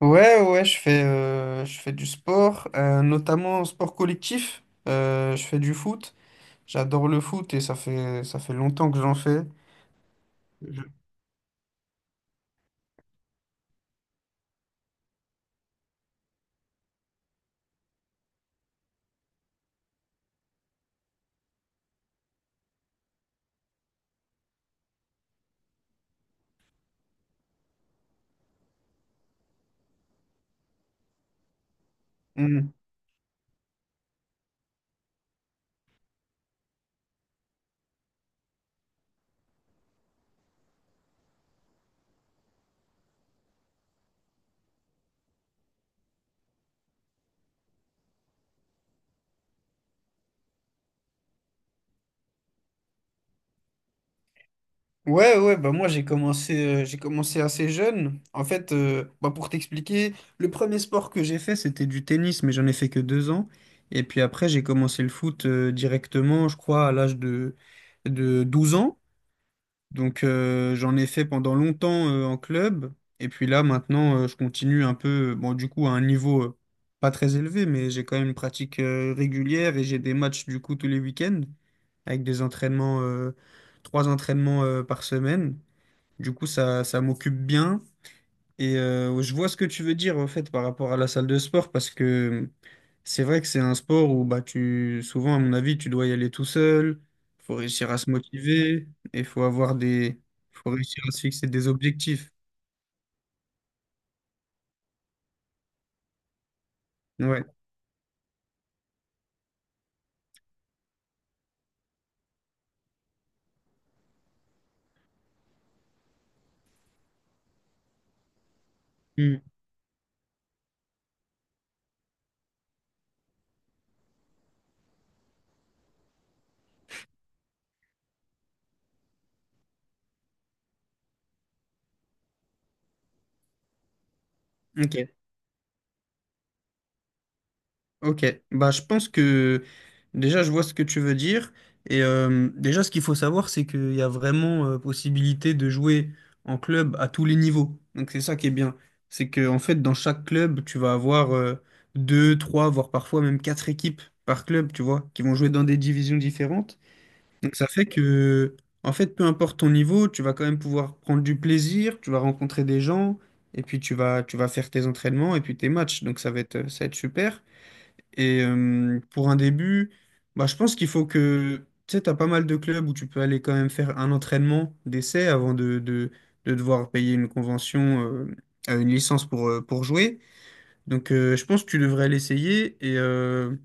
Ouais, ouais, ouais, je fais du sport, notamment sport collectif. Je fais du foot. J'adore le foot et ça fait longtemps que j'en fais. Mm. Ouais, ouais, bah moi j'ai commencé assez jeune. En fait, bah pour t'expliquer, le premier sport que j'ai fait, c'était du tennis, mais j'en ai fait que 2 ans. Et puis après, j'ai commencé le foot, directement, je crois, à l'âge de 12 ans. Donc j'en ai fait pendant longtemps en club. Et puis là maintenant je continue un peu, bon du coup à un niveau pas très élevé, mais j'ai quand même une pratique régulière et j'ai des matchs du coup tous les week-ends avec trois entraînements par semaine. Du coup ça m'occupe bien. Et je vois ce que tu veux dire en fait par rapport à la salle de sport parce que c'est vrai que c'est un sport où bah tu souvent à mon avis tu dois y aller tout seul, faut réussir à se motiver et faut avoir des faut réussir à se fixer des objectifs. Ouais. Hmm. Ok. Ok, bah je pense que déjà je vois ce que tu veux dire et déjà ce qu'il faut savoir c'est qu'il y a vraiment possibilité de jouer en club à tous les niveaux. Donc c'est ça qui est bien, c'est que en fait dans chaque club tu vas avoir deux, trois, voire parfois même quatre équipes par club, tu vois, qui vont jouer dans des divisions différentes. Donc ça fait que en fait peu importe ton niveau, tu vas quand même pouvoir prendre du plaisir, tu vas rencontrer des gens et puis tu vas faire tes entraînements et puis tes matchs. Donc ça va être super. Et pour un début, bah, je pense qu'il faut que, tu sais, tu as pas mal de clubs où tu peux aller quand même faire un entraînement d'essai avant de devoir payer une convention, une licence pour jouer. Donc je pense que tu devrais l'essayer. Et, euh,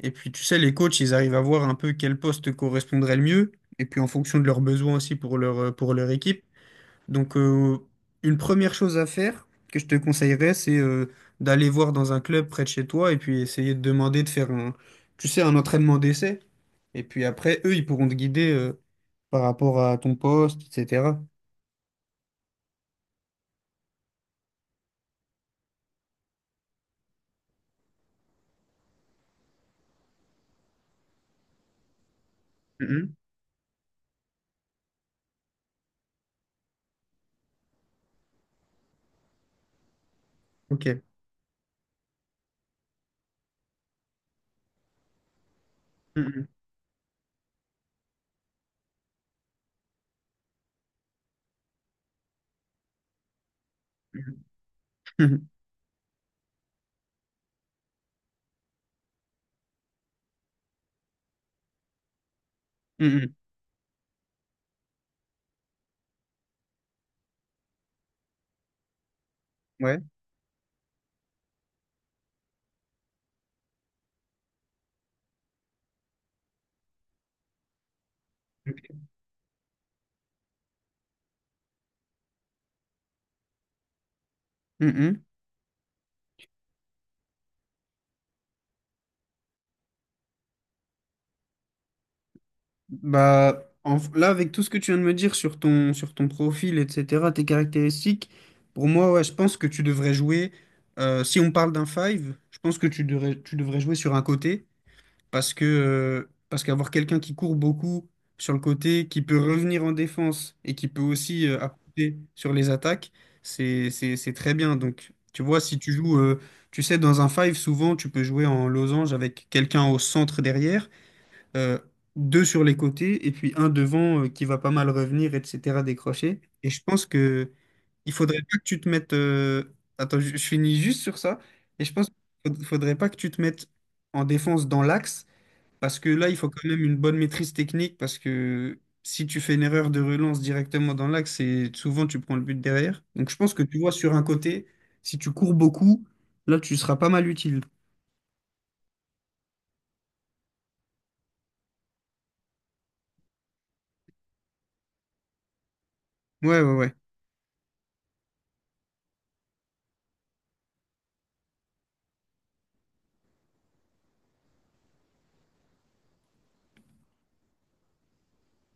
et puis, tu sais, les coachs, ils arrivent à voir un peu quel poste correspondrait le mieux. Et puis en fonction de leurs besoins aussi pour leur équipe. Donc, une première chose à faire que je te conseillerais, c'est d'aller voir dans un club près de chez toi et puis essayer de demander de faire un, tu sais, un entraînement d'essai. Et puis après, eux, ils pourront te guider par rapport à ton poste, etc. Mhm. Ok. Mhm. Mhm. Mhm. Mhm. Ouais. Ok. Mhm. Bah, là, avec tout ce que tu viens de me dire sur ton profil, etc., tes caractéristiques, pour moi, ouais, je pense que tu devrais jouer, si on parle d'un five, je pense que tu devrais jouer sur un côté, parce qu'avoir quelqu'un qui court beaucoup sur le côté, qui peut revenir en défense et qui peut aussi apporter sur les attaques, c'est très bien. Donc, tu vois, si tu joues, tu sais, dans un five, souvent, tu peux jouer en losange avec quelqu'un au centre derrière euh, deux sur les côtés et puis un devant qui va pas mal revenir, etc., décrocher. Et je pense que il faudrait pas que tu te mettes. Attends, je finis juste sur ça. Et je pense qu'il faudrait pas que tu te mettes en défense dans l'axe parce que là, il faut quand même une bonne maîtrise technique parce que si tu fais une erreur de relance directement dans l'axe, c'est souvent tu prends le but derrière. Donc je pense que tu vois sur un côté, si tu cours beaucoup, là, tu seras pas mal utile. Ouais, ouais, ouais.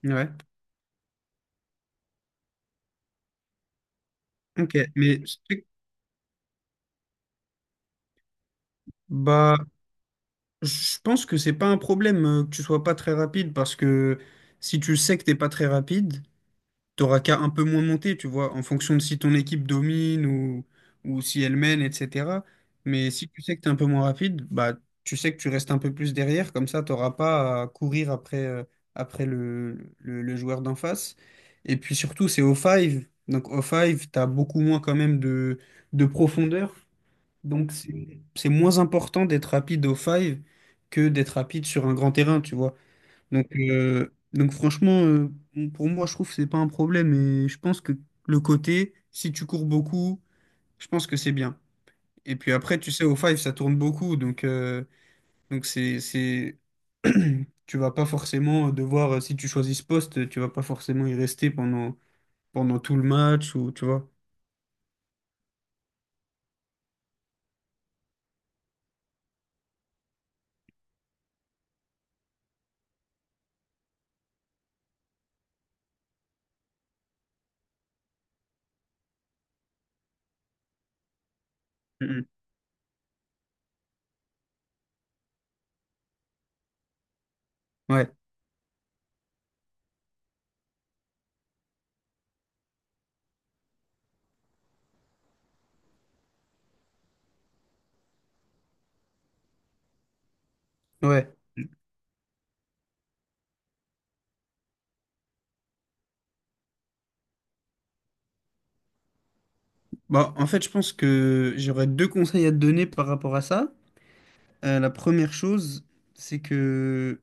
Ouais. Ok, mais bah je pense que c'est pas un problème que tu sois pas très rapide parce que si tu sais que t'es pas très rapide, t'auras qu'à un peu moins monter, tu vois, en fonction de si ton équipe domine ou si elle mène, etc. Mais si tu sais que t'es un peu moins rapide, bah tu sais que tu restes un peu plus derrière, comme ça t'auras pas à courir après le joueur d'en face. Et puis surtout, c'est au five, donc au five, t'as beaucoup moins quand même de profondeur. Donc, c'est moins important d'être rapide au five que d'être rapide sur un grand terrain, tu vois. Donc franchement, pour moi, je trouve que c'est pas un problème. Et je pense que le côté, si tu cours beaucoup, je pense que c'est bien. Et puis après, tu sais, au five, ça tourne beaucoup. Donc c'est. Tu vas pas forcément devoir, si tu choisis ce poste, tu vas pas forcément y rester pendant tout le match ou, tu vois. Mhm. Ouais, ouais. Bah, en fait, je pense que j'aurais deux conseils à te donner par rapport à ça. La première chose, c'est que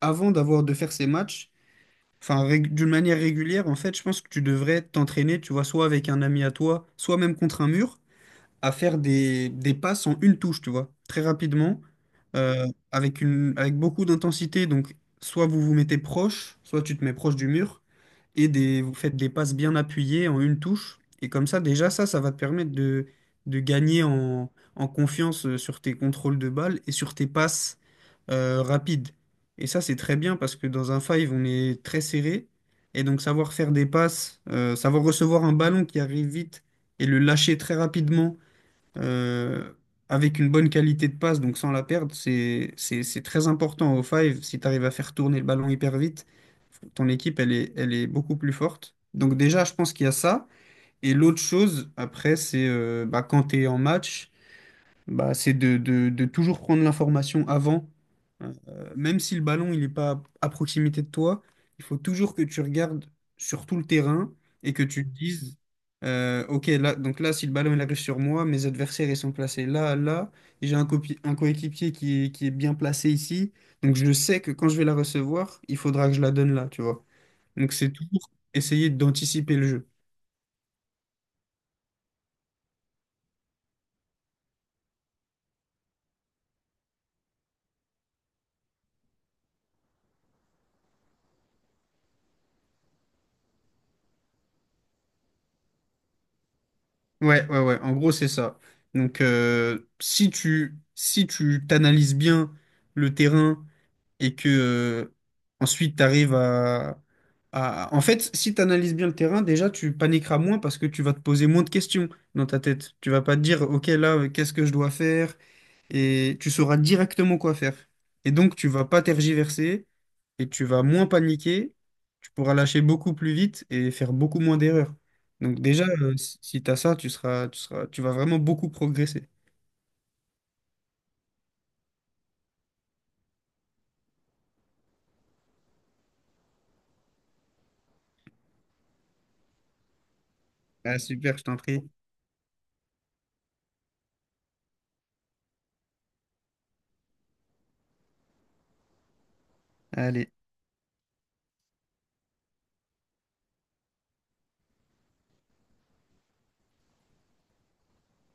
avant d'avoir de faire ces matchs, enfin d'une manière régulière, en fait, je pense que tu devrais t'entraîner, tu vois, soit avec un ami à toi, soit même contre un mur, à faire des passes en une touche, tu vois, très rapidement, avec beaucoup d'intensité. Donc, soit vous vous mettez proche, soit tu te mets proche du mur. Vous faites des passes bien appuyées en une touche. Et comme ça, déjà, ça va te permettre de gagner en confiance sur tes contrôles de balle et sur tes passes rapides. Et ça, c'est très bien parce que dans un five, on est très serré. Et donc, savoir faire des passes, savoir recevoir un ballon qui arrive vite et le lâcher très rapidement euh, avec une bonne qualité de passe, donc sans la perdre, c'est très important au five si tu arrives à faire tourner le ballon hyper vite ton équipe, elle est beaucoup plus forte. Donc déjà, je pense qu'il y a ça. Et l'autre chose, après, c'est bah, quand tu es en match, bah, c'est de toujours prendre l'information avant. Euh, Même si le ballon, il n'est pas à proximité de toi, il faut toujours que tu regardes sur tout le terrain et que tu te dises, OK, là, donc là, si le ballon, il arrive sur moi, mes adversaires, ils sont placés là, là, et j'ai un coéquipier qui est bien placé ici. Donc je sais que quand je vais la recevoir, il faudra que je la donne là, tu vois. Donc c'est toujours essayer d'anticiper le jeu. Ouais, ouais, ouais. En gros, c'est ça. Donc si tu t'analyses bien le terrain, et que ensuite tu arrives En fait, si tu analyses bien le terrain, déjà tu paniqueras moins parce que tu vas te poser moins de questions dans ta tête. Tu vas pas te dire, OK, là, qu'est-ce que je dois faire? Et tu sauras directement quoi faire. Et donc, tu vas pas tergiverser et tu vas moins paniquer. Tu pourras lâcher beaucoup plus vite et faire beaucoup moins d'erreurs. Donc déjà, si tu as ça, tu vas vraiment beaucoup progresser. Ah, super, je t'en prie. Allez.